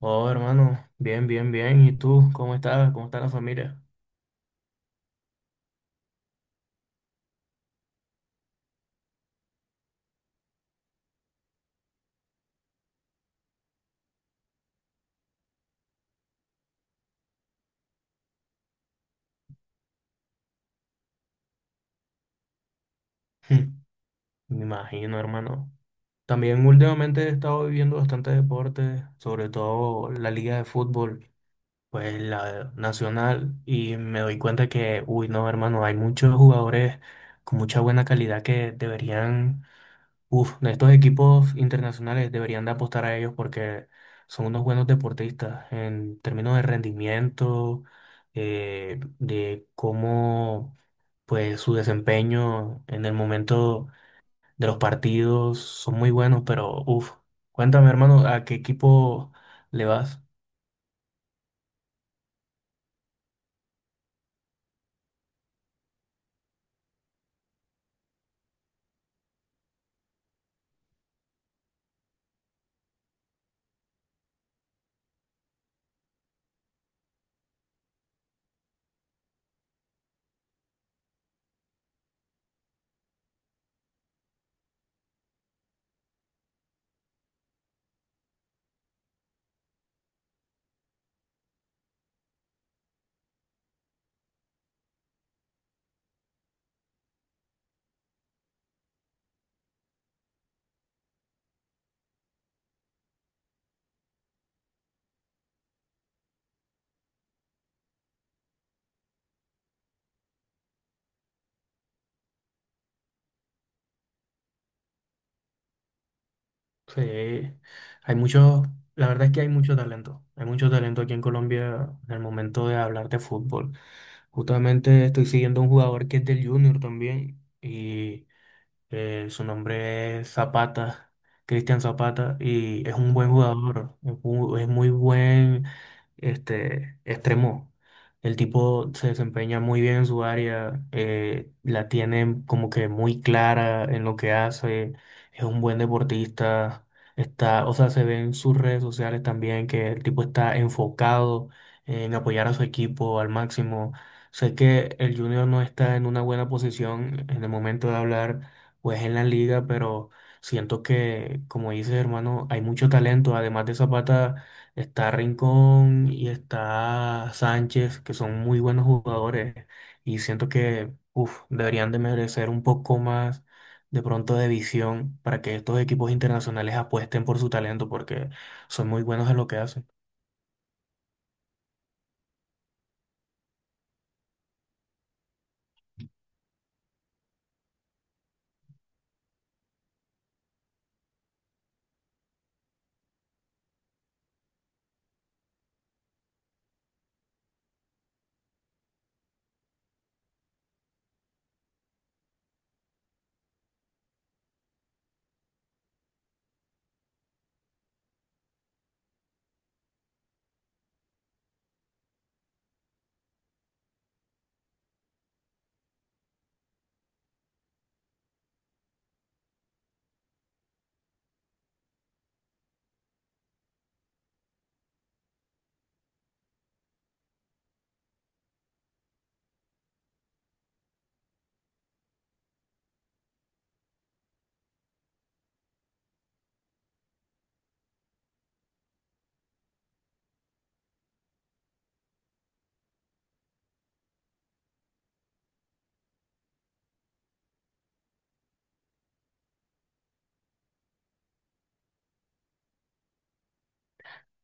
Oh, hermano, bien, bien, bien. ¿Y tú? ¿Cómo estás? ¿Cómo está la familia? Me imagino, hermano. También últimamente he estado viviendo bastante deporte, sobre todo la liga de fútbol, pues la nacional, y me doy cuenta que, uy, no, hermano, hay muchos jugadores con mucha buena calidad que deberían, estos equipos internacionales deberían de apostar a ellos porque son unos buenos deportistas en términos de rendimiento, de cómo pues su desempeño en el momento de los partidos son muy buenos, pero cuéntame hermano, ¿a qué equipo le vas? Sí, hay mucho, la verdad es que hay mucho talento aquí en Colombia en el momento de hablar de fútbol. Justamente estoy siguiendo a un jugador que es del Junior también. Y Su nombre es Zapata, Cristian Zapata, y es un buen jugador, es es muy buen extremo. El tipo se desempeña muy bien en su área, la tiene como que muy clara en lo que hace, es un buen deportista, está, o sea, se ve en sus redes sociales también que el tipo está enfocado en apoyar a su equipo al máximo. Sé que el Junior no está en una buena posición en el momento de hablar pues en la liga, pero siento que, como dices, hermano, hay mucho talento. Además de Zapata, está Rincón y está Sánchez, que son muy buenos jugadores. Y siento que, uf, deberían de merecer un poco más de pronto de visión para que estos equipos internacionales apuesten por su talento, porque son muy buenos en lo que hacen.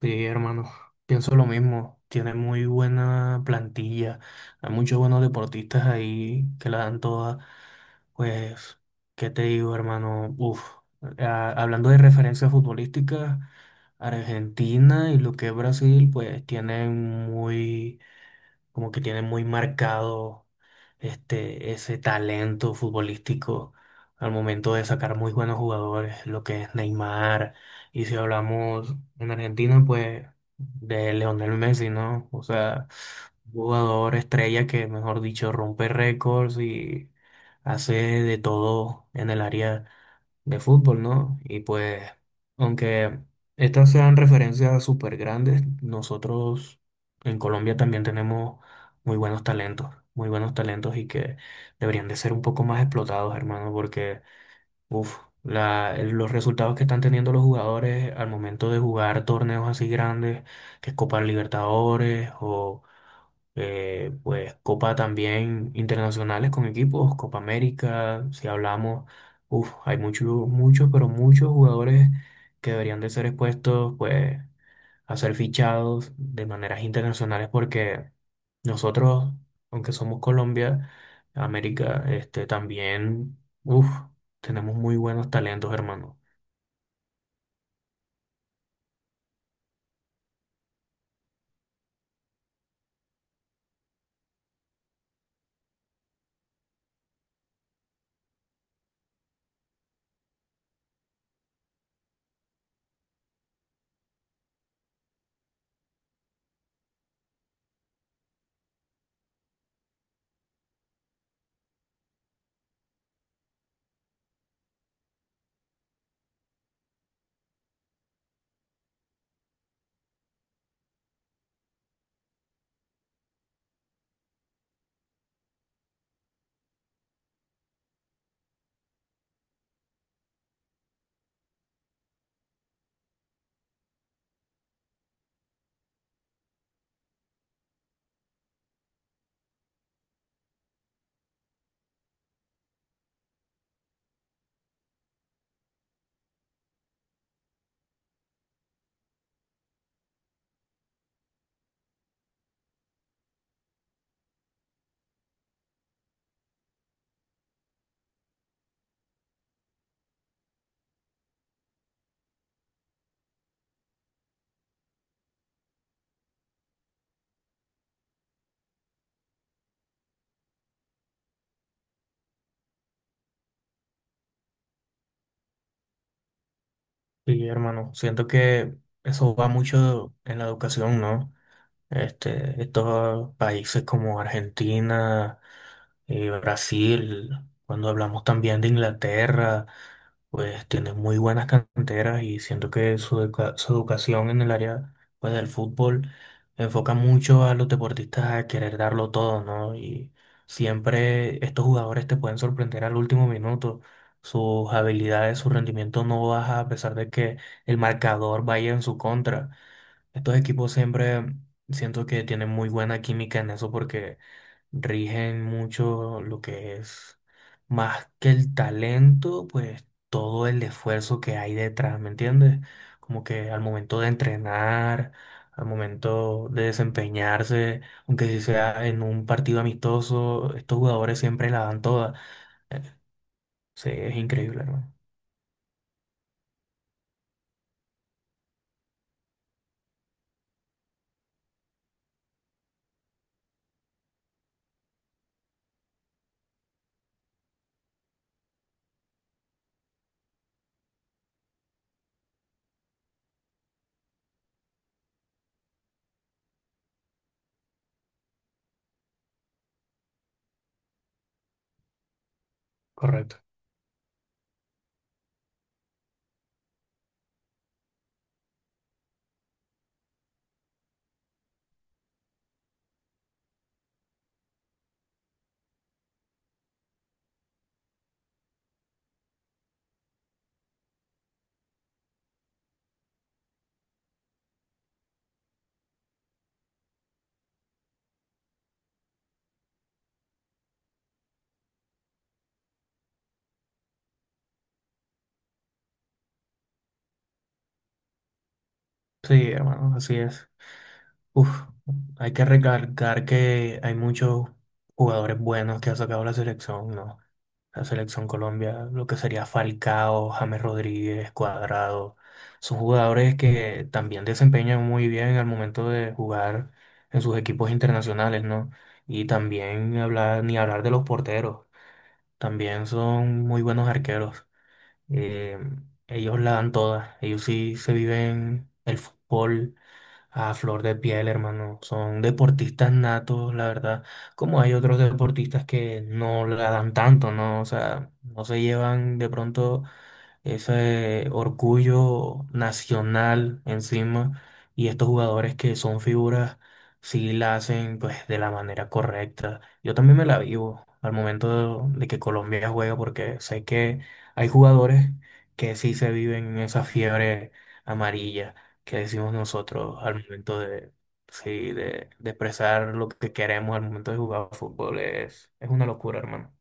Sí, hermano, pienso lo mismo. Tiene muy buena plantilla. Hay muchos buenos deportistas ahí que la dan toda. Pues, ¿qué te digo, hermano? Uf, hablando de referencias futbolísticas, Argentina y lo que es Brasil, pues tienen muy como que tiene muy marcado ese talento futbolístico al momento de sacar muy buenos jugadores, lo que es Neymar. Y si hablamos en Argentina, pues de Leonel Messi, ¿no? O sea, jugador estrella que, mejor dicho, rompe récords y hace de todo en el área de fútbol, ¿no? Y pues, aunque estas sean referencias súper grandes, nosotros en Colombia también tenemos muy buenos talentos y que deberían de ser un poco más explotados, hermano, porque, uff, los resultados que están teniendo los jugadores al momento de jugar torneos así grandes, que es Copa Libertadores o pues Copa también internacionales con equipos, Copa América, si hablamos, uf, hay muchos, muchos, pero muchos jugadores que deberían de ser expuestos, pues, a ser fichados de maneras internacionales porque nosotros, aunque somos Colombia, América, también, uf, tenemos muy buenos talentos, hermano. Sí, hermano, siento que eso va mucho en la educación, ¿no? Estos países como Argentina y Brasil, cuando hablamos también de Inglaterra, pues tienen muy buenas canteras y siento que su, su educación en el área pues, del fútbol enfoca mucho a los deportistas a querer darlo todo, ¿no? Y siempre estos jugadores te pueden sorprender al último minuto. Sus habilidades, su rendimiento no baja a pesar de que el marcador vaya en su contra. Estos equipos siempre siento que tienen muy buena química en eso porque rigen mucho lo que es más que el talento, pues todo el esfuerzo que hay detrás, ¿me entiendes? Como que al momento de entrenar, al momento de desempeñarse, aunque si sea en un partido amistoso, estos jugadores siempre la dan toda. Eh, Sí, es increíble, hermano. Correcto. Sí, hermano, así es. Uf, hay que recalcar que hay muchos jugadores buenos que ha sacado la selección, ¿no? La selección Colombia, lo que sería Falcao, James Rodríguez, Cuadrado, son jugadores que también desempeñan muy bien al momento de jugar en sus equipos internacionales, ¿no? Y también hablar, ni hablar de los porteros, también son muy buenos arqueros. Eh, ellos la dan todas, ellos sí se viven el fútbol a flor de piel, hermano. Son deportistas natos, la verdad. Como hay otros deportistas que no la dan tanto, ¿no? O sea, no se llevan de pronto ese orgullo nacional encima y estos jugadores que son figuras sí la hacen pues de la manera correcta. Yo también me la vivo al momento de que Colombia juega porque sé que hay jugadores que sí se viven en esa fiebre amarilla que decimos nosotros al momento de sí de expresar lo que queremos al momento de jugar fútbol es una locura, hermano.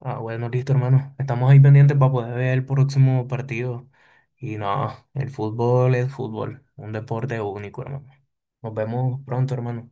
Ah, bueno, listo, hermano. Estamos ahí pendientes para poder ver el próximo partido. Y no, el fútbol es fútbol, un deporte único, hermano. Nos vemos pronto, hermano.